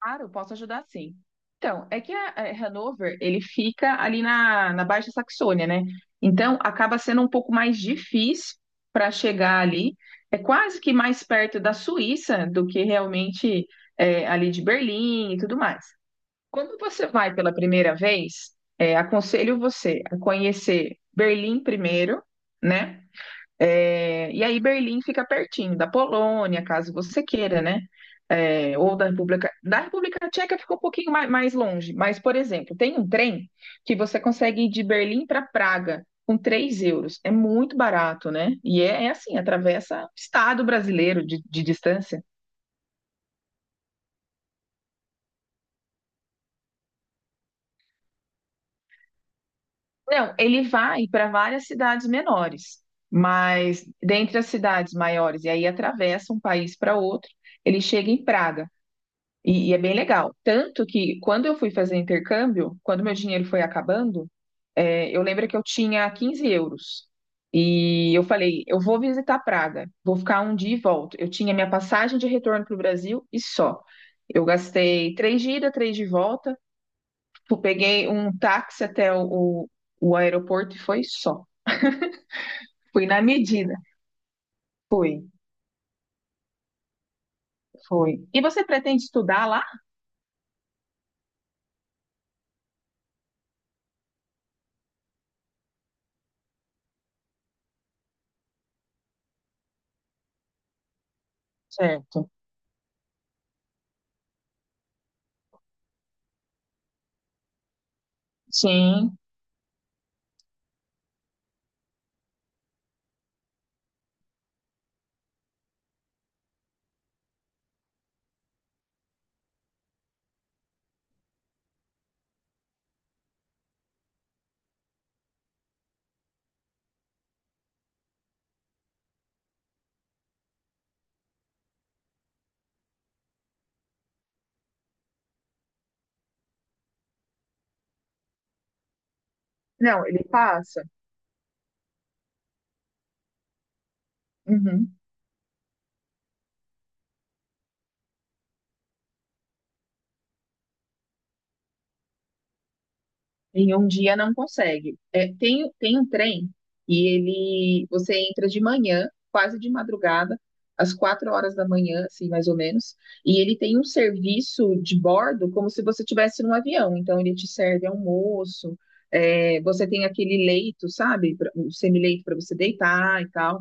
Claro, posso ajudar sim. Então, é que a Hanover, ele fica ali na Baixa Saxônia, né? Então, acaba sendo um pouco mais difícil para chegar ali. É quase que mais perto da Suíça do que realmente ali de Berlim e tudo mais. Quando você vai pela primeira vez, aconselho você a conhecer Berlim primeiro, né? E aí Berlim fica pertinho da Polônia, caso você queira, né? Ou da República Tcheca ficou um pouquinho mais longe, mas, por exemplo, tem um trem que você consegue ir de Berlim para Praga com 3 euros. É muito barato, né? E é assim, atravessa o estado brasileiro de distância. Não, ele vai para várias cidades menores, mas dentre as cidades maiores, e aí atravessa um país para outro, ele chega em Praga. E é bem legal. Tanto que quando eu fui fazer intercâmbio, quando meu dinheiro foi acabando, eu lembro que eu tinha 15 euros. E eu falei, eu vou visitar Praga, vou ficar um dia e volto. Eu tinha minha passagem de retorno para o Brasil e só. Eu gastei três de ida, três de volta. Tipo, peguei um táxi até o aeroporto e foi só. Fui na medida. Fui, fui. E você pretende estudar lá? Certo. Sim. Não, ele passa. Uhum. Em um dia não consegue. É, tem um trem e ele você entra de manhã, quase de madrugada, às 4 horas da manhã, assim, mais ou menos, e ele tem um serviço de bordo como se você estivesse num avião. Então ele te serve almoço, você tem aquele leito, sabe? Um semileito para você deitar e tal.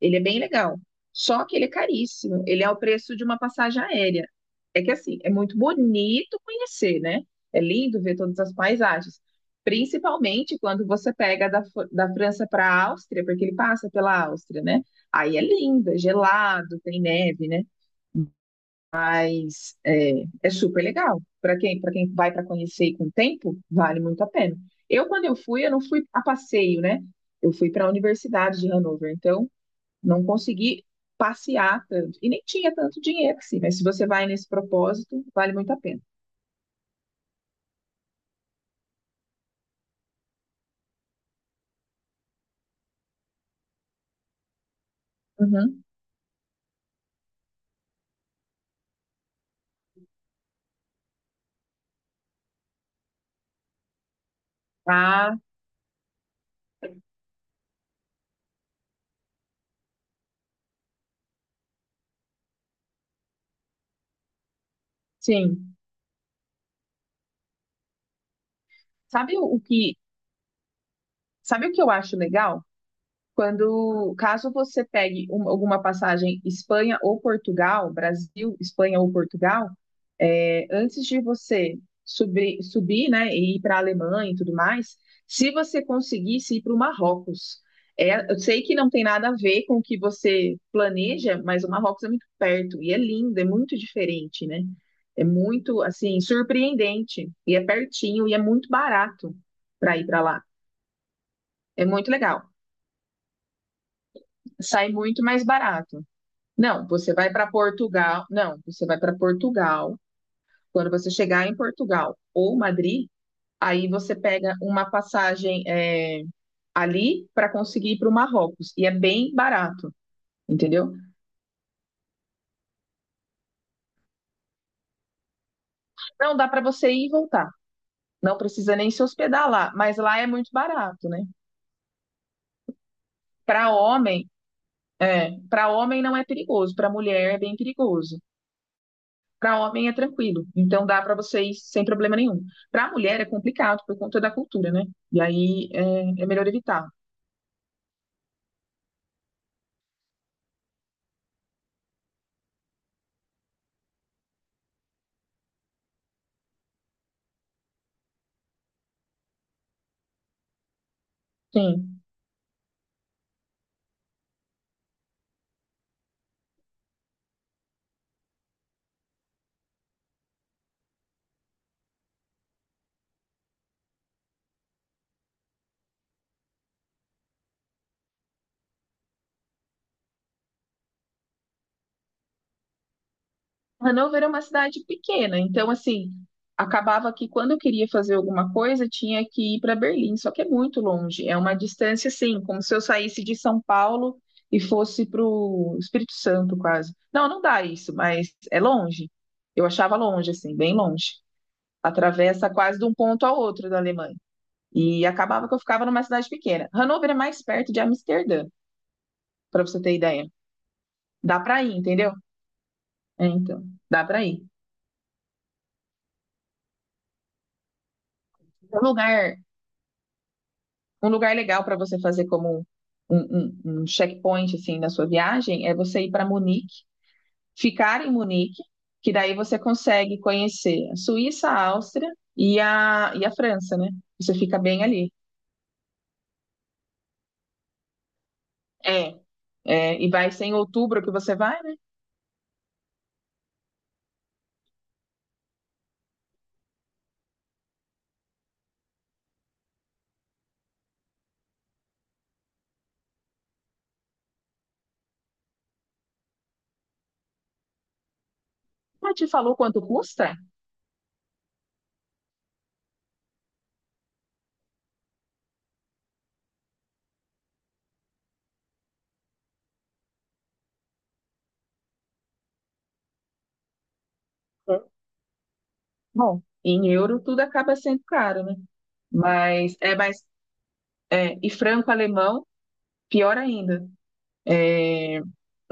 Ele é bem legal. Só que ele é caríssimo. Ele é o preço de uma passagem aérea. É que assim, é muito bonito conhecer, né? É lindo ver todas as paisagens. Principalmente quando você pega da França para a Áustria, porque ele passa pela Áustria, né? Aí é lindo, é gelado, tem neve, né? Mas é super legal. Para quem vai para conhecer e com tempo, vale muito a pena. Eu, quando eu fui, eu não fui a passeio, né? Eu fui para a Universidade de Hanover, então não consegui passear tanto. E nem tinha tanto dinheiro assim, mas se você vai nesse propósito, vale muito a pena. Uhum. Ah, sim. Sabe o o que, sabe o que eu acho legal? Quando, caso você pegue alguma passagem Espanha ou Portugal, Brasil, Espanha ou Portugal, antes de você subir, né, e ir para a Alemanha e tudo mais, se você conseguisse ir para o Marrocos, eu sei que não tem nada a ver com o que você planeja, mas o Marrocos é muito perto e é lindo, é muito diferente, né? É muito, assim, surpreendente e é pertinho e é muito barato para ir para lá. É muito legal. Sai muito mais barato. Não, você vai para Portugal. Não, você vai para Portugal. Quando você chegar em Portugal ou Madrid, aí você pega uma passagem ali para conseguir ir para o Marrocos. E é bem barato, entendeu? Não dá para você ir e voltar. Não precisa nem se hospedar lá, mas lá é muito barato, né? Para homem, é, para homem não é perigoso, para mulher é bem perigoso. Para homem é tranquilo, então dá para vocês sem problema nenhum. Para mulher é complicado por conta da cultura, né? E aí é melhor evitar. Sim. Hannover é uma cidade pequena, então assim, acabava que quando eu queria fazer alguma coisa, tinha que ir para Berlim, só que é muito longe, é uma distância assim, como se eu saísse de São Paulo e fosse para o Espírito Santo quase. Não, não dá isso, mas é longe. Eu achava longe, assim, bem longe. Atravessa quase de um ponto ao outro da Alemanha. E acabava que eu ficava numa cidade pequena. Hannover é mais perto de Amsterdã, para você ter ideia. Dá para ir, entendeu? É, então, dá para ir. Um lugar, um lugar legal para você fazer como um, um checkpoint assim na sua viagem é você ir para Munique, ficar em Munique, que daí você consegue conhecer a Suíça, a Áustria e e a França, né? Você fica bem ali. É, e vai ser em outubro que você vai, né? Já te falou quanto custa? É. Bom, em euro tudo acaba sendo caro, né? Mas é mais. É, e franco-alemão, pior ainda.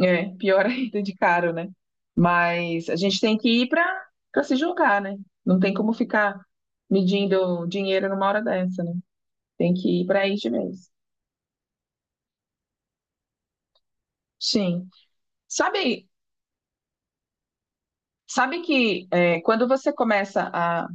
É, pior ainda de caro, né? Mas a gente tem que ir para se jogar, né? Não tem como ficar medindo dinheiro numa hora dessa, né? Tem que ir para aí de vez. Sim. Sabe, sabe que é, quando você começa a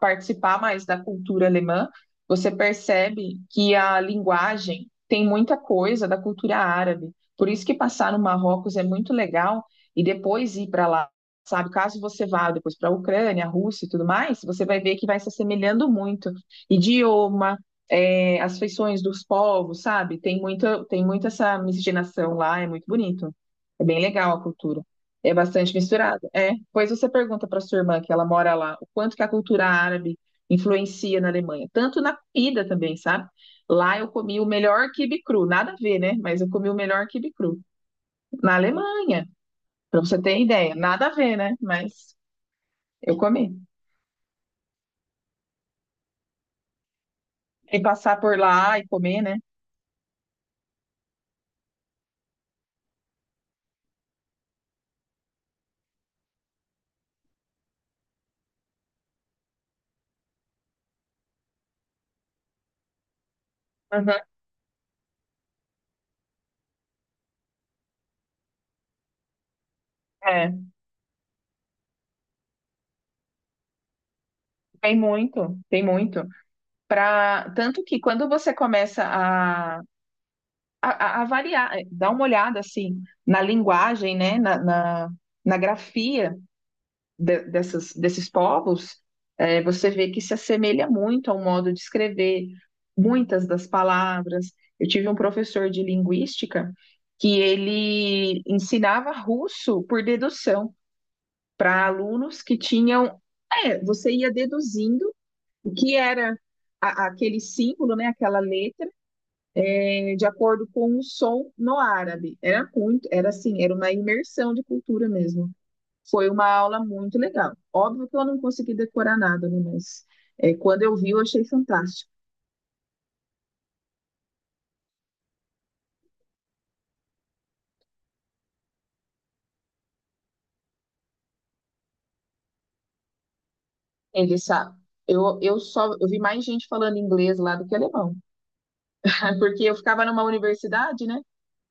participar mais da cultura alemã, você percebe que a linguagem tem muita coisa da cultura árabe. Por isso que passar no Marrocos é muito legal e depois ir para lá, sabe? Caso você vá depois para a Ucrânia, a Rússia e tudo mais, você vai ver que vai se assemelhando muito. Idioma, é, as feições dos povos, sabe? Tem muita essa miscigenação lá, é muito bonito. É bem legal a cultura. É bastante misturado. É. Pois você pergunta para sua irmã, que ela mora lá, o quanto que a cultura árabe influencia na Alemanha, tanto na comida também, sabe? Lá eu comi o melhor quibe cru, nada a ver, né? Mas eu comi o melhor quibe cru na Alemanha, para você ter ideia. Nada a ver, né? Mas eu comi. E passar por lá e comer, né? Uhum. É, tem muito, tem muito. Pra... Tanto que quando você começa a dar uma olhada assim na linguagem, né, na grafia dessas, desses povos, você vê que se assemelha muito ao modo de escrever muitas das palavras. Eu tive um professor de linguística que ele ensinava russo por dedução para alunos que tinham, você ia deduzindo o que era aquele símbolo, né, aquela letra de acordo com o som no árabe. Era assim, era uma imersão de cultura mesmo. Foi uma aula muito legal. Óbvio que eu não consegui decorar nada, né? Mas quando eu vi, eu achei fantástico. Ele sabe. Eu só eu vi mais gente falando inglês lá do que alemão, porque eu ficava numa universidade, né?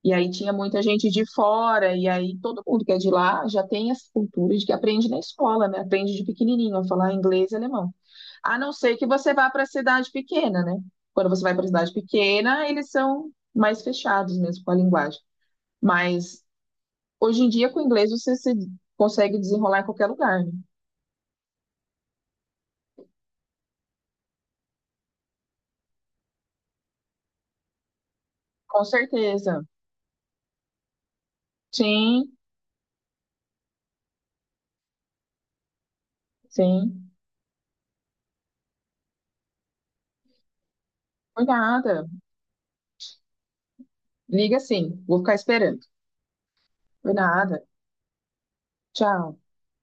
E aí tinha muita gente de fora, e aí todo mundo que é de lá já tem essa cultura de que aprende na escola, né? Aprende de pequenininho a falar inglês e alemão. A não ser que você vá para a cidade pequena, né? Quando você vai para a cidade pequena, eles são mais fechados mesmo com a linguagem. Mas hoje em dia, com o inglês, você se consegue desenrolar em qualquer lugar, né? Com certeza. Sim, sim. Foi nada. Liga sim, vou ficar esperando. Foi nada. Tchau.